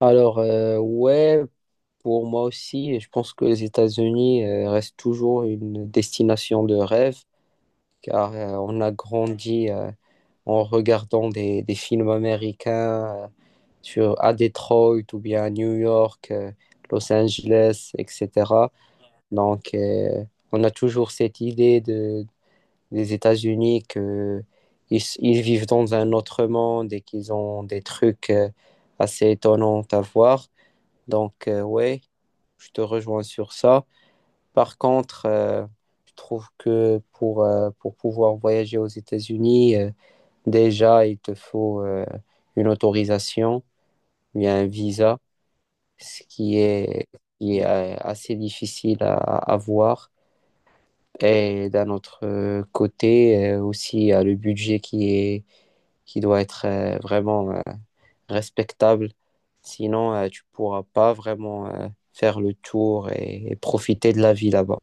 Alors, euh, ouais, pour moi aussi, je pense que les États-Unis restent toujours une destination de rêve, car on a grandi en regardant des films américains sur, à Detroit ou bien à New York, Los Angeles, etc. Donc, euh, on a toujours cette idée de, des États-Unis que ils vivent dans un autre monde et qu'ils ont des trucs assez étonnants à voir. Donc, euh, ouais, je te rejoins sur ça. Par contre, je trouve que pour pouvoir voyager aux États-Unis, déjà, il te faut une autorisation, bien un visa, ce qui est, qui est, assez difficile à avoir. Et d'un autre côté, aussi, il y a le budget qui doit être vraiment respectable. Sinon, tu pourras pas vraiment faire le tour et profiter de la vie là-bas.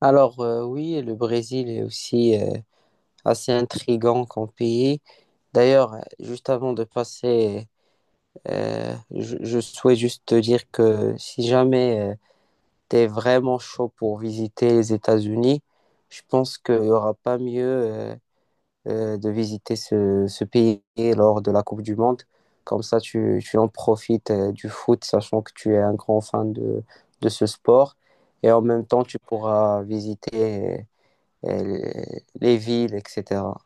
Oui, le Brésil est aussi assez intrigant comme pays. D'ailleurs, juste avant de passer, je souhaite juste te dire que si jamais tu es vraiment chaud pour visiter les États-Unis, je pense qu'il n'y aura pas mieux de visiter ce pays lors de la Coupe du Monde. Comme ça, tu en profites du foot, sachant que tu es un grand fan de ce sport. Et en même temps, tu pourras visiter les villes, etc.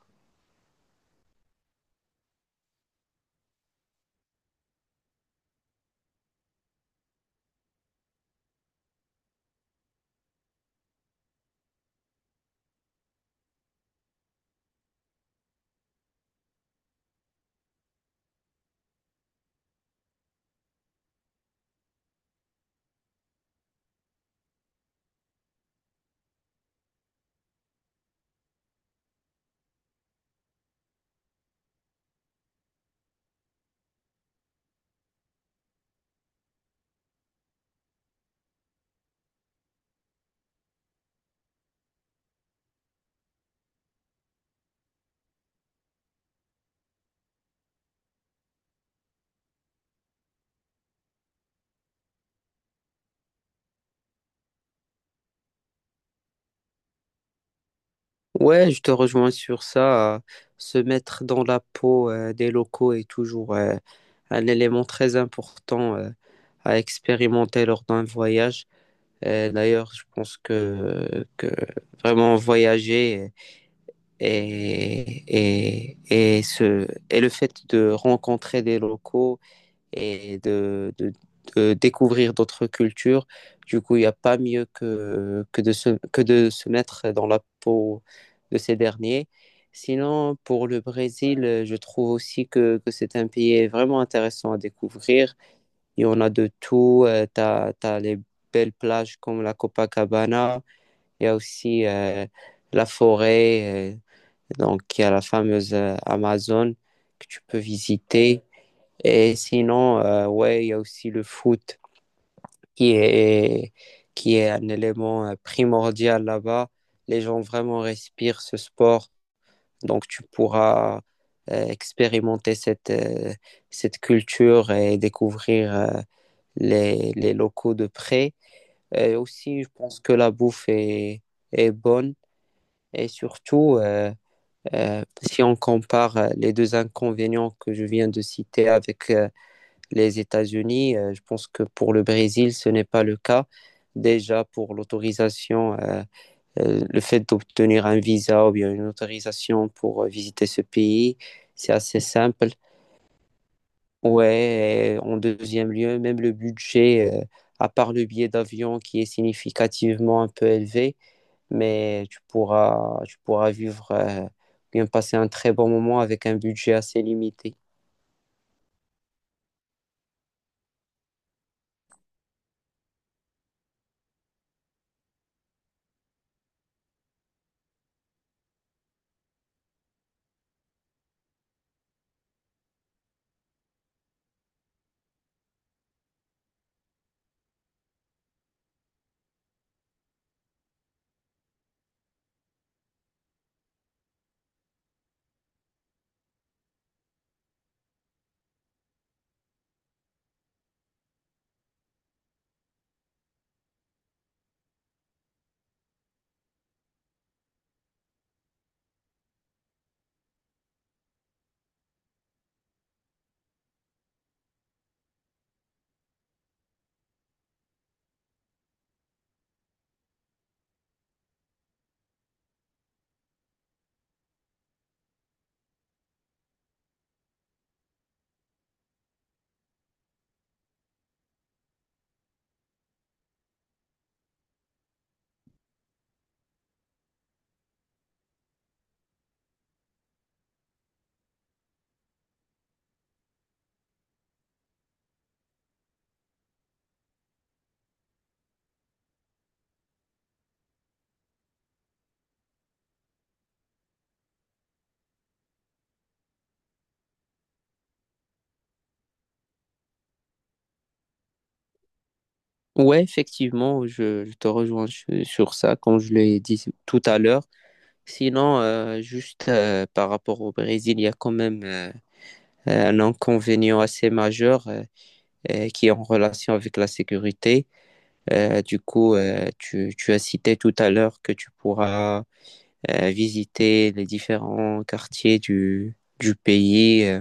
Ouais, je te rejoins sur ça. Se mettre dans la peau des locaux est toujours un élément très important à expérimenter lors d'un voyage. D'ailleurs, je pense que vraiment voyager Et, et, et, ce, et le fait de rencontrer des locaux et de découvrir d'autres cultures, du coup, il n'y a pas mieux que de se mettre dans la peau de ces derniers. Sinon, pour le Brésil, je trouve aussi que c'est un pays vraiment intéressant à découvrir. Il y en a de tout. Tu as, les belles plages comme la Copacabana. Il y a aussi la forêt. Donc, il y a la fameuse Amazon que tu peux visiter. Et sinon, ouais, il y a aussi le foot qui est, qui est un élément primordial là-bas. Les gens vraiment respirent ce sport. Donc, tu pourras expérimenter cette culture et les locaux de près. Et aussi, je pense que la bouffe est bonne. Et surtout, si on compare les deux inconvénients que je viens de citer avec les États-Unis, je pense que pour le Brésil, ce n'est pas le cas. Déjà, pour l'autorisation, le fait d'obtenir un visa ou bien une autorisation pour visiter ce pays, c'est assez simple. Ouais, et en deuxième lieu, même le budget, à part le billet d'avion qui est significativement un peu élevé, mais tu pourras vivre, bien passer un très bon moment avec un budget assez limité. Ouais, effectivement, je te rejoins su- sur ça, comme je l'ai dit tout à l'heure. Sinon, juste par rapport au Brésil, il y a quand même un inconvénient assez majeur, qui est en relation avec la sécurité. Du coup, tu as cité tout à l'heure que tu pourras visiter les différents quartiers du pays.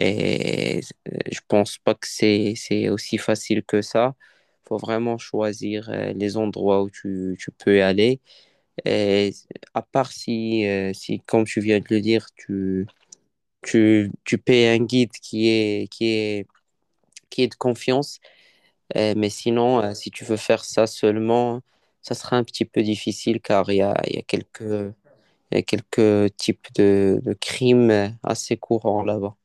Et je pense pas que c'est aussi facile que ça. Faut vraiment choisir les endroits où tu peux aller. Et à part si, comme tu viens de le dire, tu payes un guide qui est de confiance. Mais sinon, si tu veux faire ça seulement, ça sera un petit peu difficile car il y a quelques, il y a quelques types de crimes assez courants là-bas.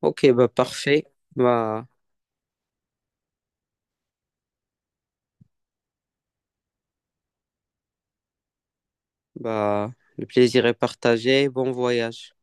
Ok, bah parfait. Bah, bah, le plaisir est partagé. Bon voyage.